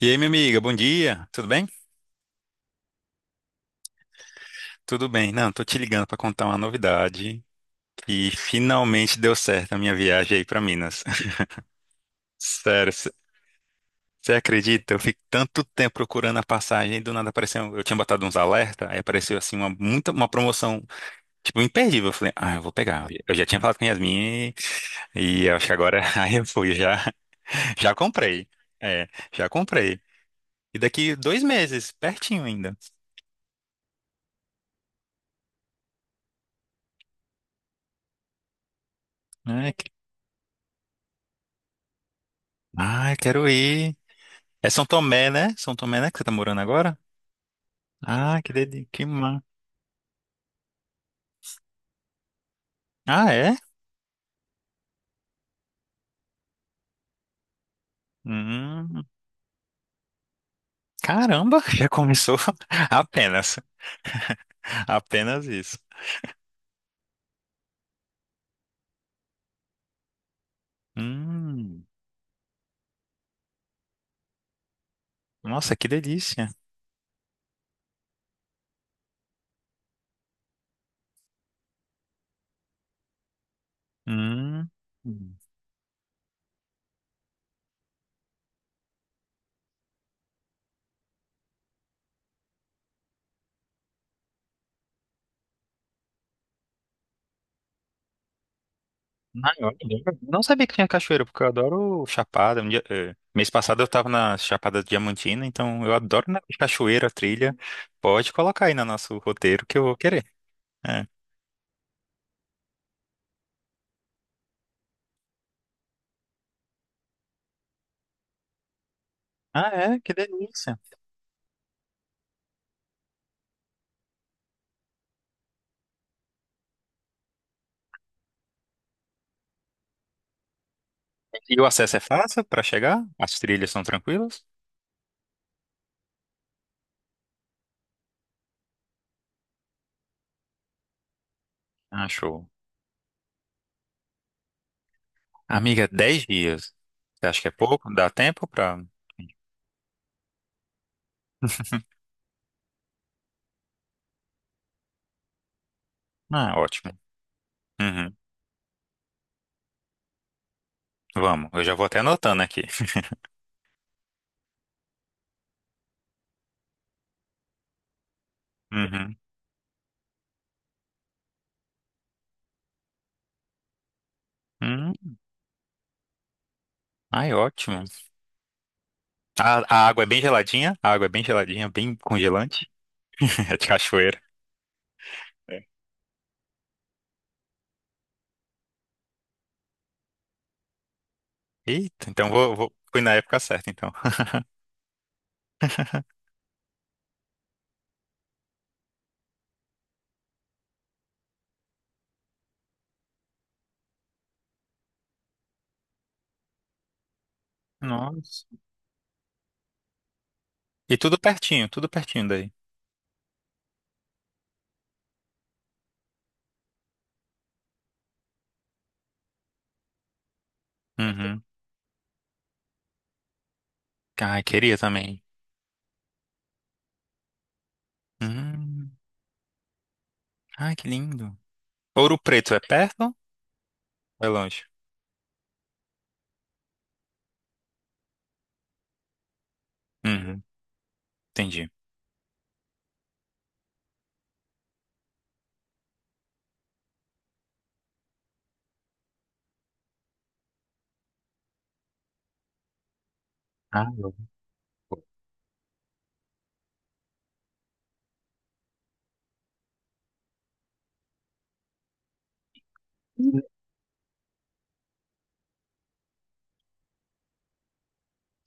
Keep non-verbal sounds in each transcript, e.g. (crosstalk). E aí, minha amiga, bom dia. Tudo bem? Tudo bem. Não, tô te ligando pra contar uma novidade que finalmente deu certo a minha viagem aí pra Minas. (laughs) Sério, você acredita? Eu fiquei tanto tempo procurando a passagem e do nada apareceu. Eu tinha botado uns alerta, aí apareceu assim uma promoção, tipo, imperdível. Eu falei: "Ah, eu vou pegar". Eu já tinha falado com a Yasmin e eu acho que agora (laughs) aí eu fui, já comprei. É, já comprei. E daqui 2 meses, pertinho ainda. Ai, que- ai, quero ir. É São Tomé, né? São Tomé, né? Que você tá morando agora? Ah, que delícia. Ah, é? Hum, caramba, já começou. (laughs) Apenas. Apenas isso. Hum, nossa, que delícia. Hum. Ah, eu adoro. Não sabia que tinha cachoeira, porque eu adoro chapada. Um dia, mês passado eu tava na Chapada Diamantina, então eu adoro, né, cachoeira, trilha. Pode colocar aí no nosso roteiro que eu vou querer. É. Ah, é? Que delícia. E o acesso é fácil para chegar? As trilhas são tranquilas? Ah, show. Amiga, 10 dias. Você acha que é pouco? Dá tempo para. Ah, ótimo. Uhum. Vamos, eu já vou até anotando aqui. (laughs) Uhum. Hum. Ai, ótimo. A água é bem geladinha? A água é bem geladinha, bem congelante. (laughs) É de cachoeira. É. Eita, então vou, fui na época certa, então. (laughs) Nossa. E tudo pertinho daí. Uhum. Ai, queria também. Hum. Ai, que lindo. Ouro Preto é perto? Foi longe. Uhum, entendi. Ah, eu- Uhum.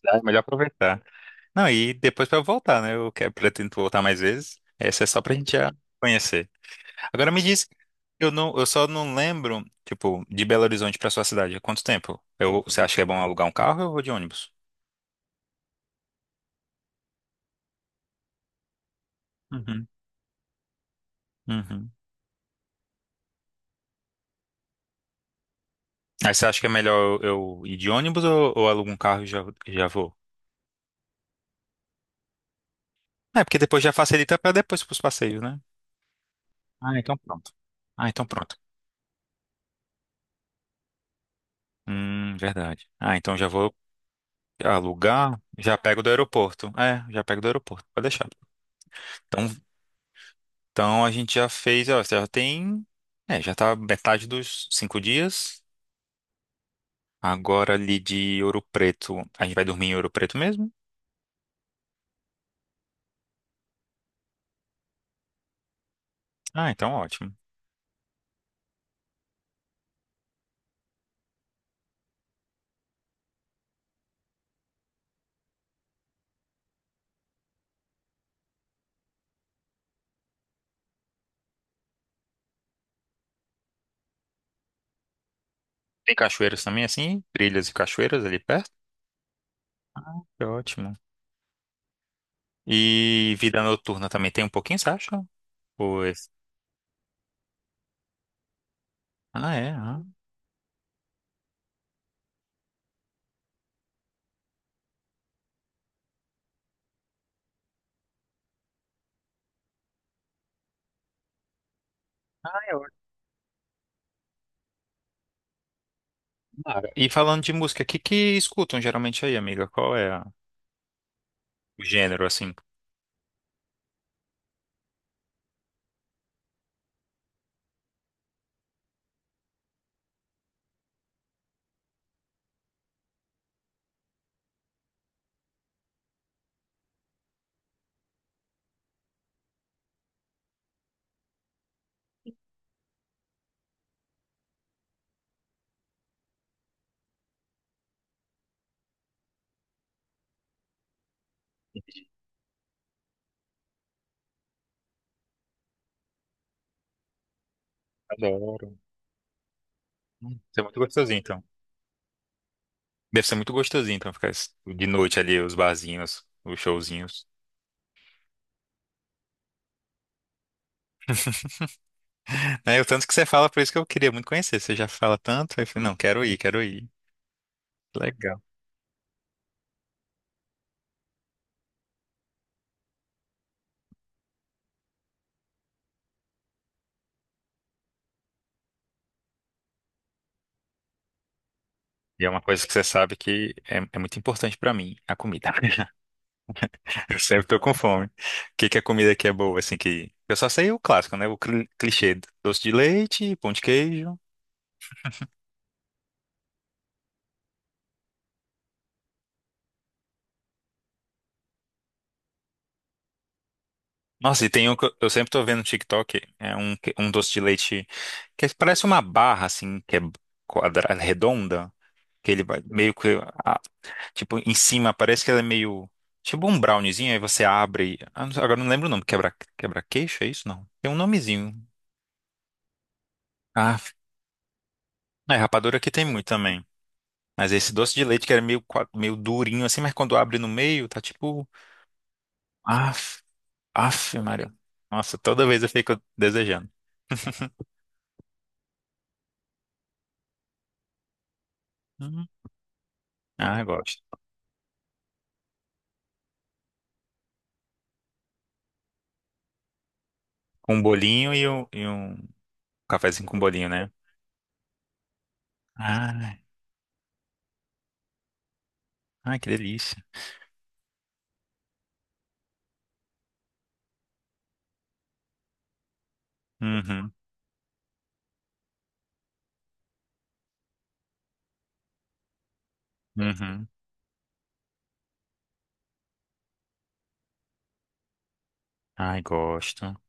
Ah, melhor aproveitar. Não, e depois pra eu voltar, né? Eu quero, pretendo voltar mais vezes. Essa é só pra gente já conhecer. Agora me diz, eu não, eu só não lembro, tipo, de Belo Horizonte pra sua cidade. Quanto tempo? Você acha que é bom alugar um carro ou eu vou de ônibus? Uhum, uhum. Aí você acha que é melhor eu ir de ônibus ou alugo um carro e já vou? É, porque depois já facilita pra depois pros passeios, né? Ah, então pronto. Ah, então pronto. Verdade. Ah, então já vou. Alugar, já pego do aeroporto. É, já pego do aeroporto, pode deixar. Então, então, a gente já fez, ó, já tem. É, já tá metade dos 5 dias. Agora ali de Ouro Preto, a gente vai dormir em Ouro Preto mesmo? Ah, então ótimo. Tem cachoeiras também, assim, trilhas e cachoeiras ali perto? Que ótimo. E vida noturna também tem um pouquinho, você acha? Pois. Ah, é. Ah. Ah, é ótimo. Mara. E falando de música, o que que escutam geralmente aí, amiga? Qual é o gênero, assim? Adoro. Deve ser muito gostosinho, então. Ficar de noite ali, os barzinhos, os showzinhos. Né, o tanto que você fala, por isso que eu queria muito conhecer. Você já fala tanto, aí eu falei, não, quero ir, quero ir. Legal. E é uma coisa que você sabe que é muito importante pra mim, a comida. (laughs) Eu sempre tô com fome. O que que a comida aqui é boa, assim, que... Eu só sei o clássico, né? O clichê. Doce de leite, pão de queijo. Nossa, e tem um que eu sempre tô vendo no TikTok, é um doce de leite que é, parece uma barra, assim, que é quadra, redonda. Que ele vai meio que, ah, tipo, em cima parece que ela é meio, tipo um browniezinho, aí você abre, ah, não sei, agora não lembro o nome, quebra-queixo, é isso? Não. Tem um nomezinho. Ah, é, rapadura aqui tem muito também. Mas esse doce de leite que era meio durinho assim, mas quando abre no meio, tá tipo, af, af, Maria. Nossa, toda vez eu fico desejando. Hum. Ah, eu gosto. Com um bolinho e um cafezinho com bolinho, né? Ah, ai, que delícia. Uhum, uhum. Ai, gosto.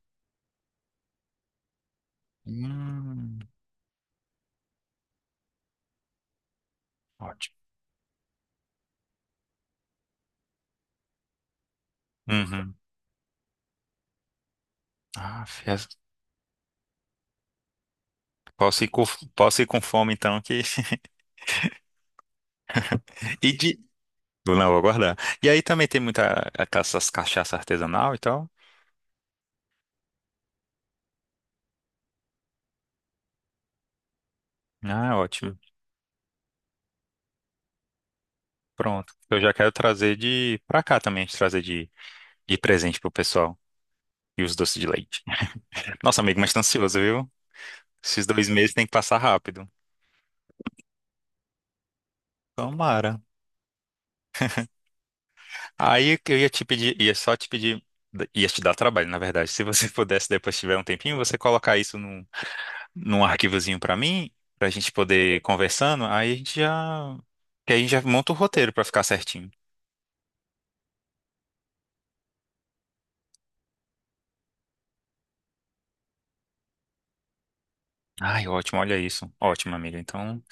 Hum, ótimo. Uhum. Ah, fias- Posso ir posso ir com fome então que (laughs) e de vou, não vou guardar. E aí também tem muita essas cachaça artesanal e tal. Ah, ótimo. Pronto. Eu já quero trazer de pra cá também, trazer de presente pro pessoal e os doces de leite. (laughs) Nossa, amigo, mas tá ansioso, viu? Esses 2 meses tem que passar rápido. Tomara. Aí eu ia te pedir, ia só te pedir, ia te dar trabalho, na verdade. Se você (laughs) pudesse depois tiver um tempinho, você colocar isso num arquivozinho pra mim, pra gente poder ir conversando, aí a gente já. Que aí a gente já monta o roteiro pra ficar certinho. Ai, ótimo, olha isso. Ótimo, amiga. Então,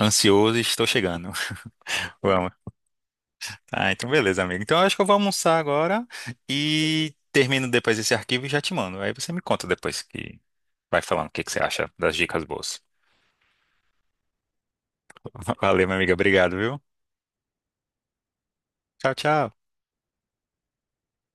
ansioso e estou chegando. (laughs) Vamos. Ah, então beleza, amiga. Então eu acho que eu vou almoçar agora e termino depois esse arquivo e já te mando. Aí você me conta depois que vai falando o que que você acha das dicas boas. (laughs) Valeu, minha amiga. Obrigado, viu? Tchau, tchau.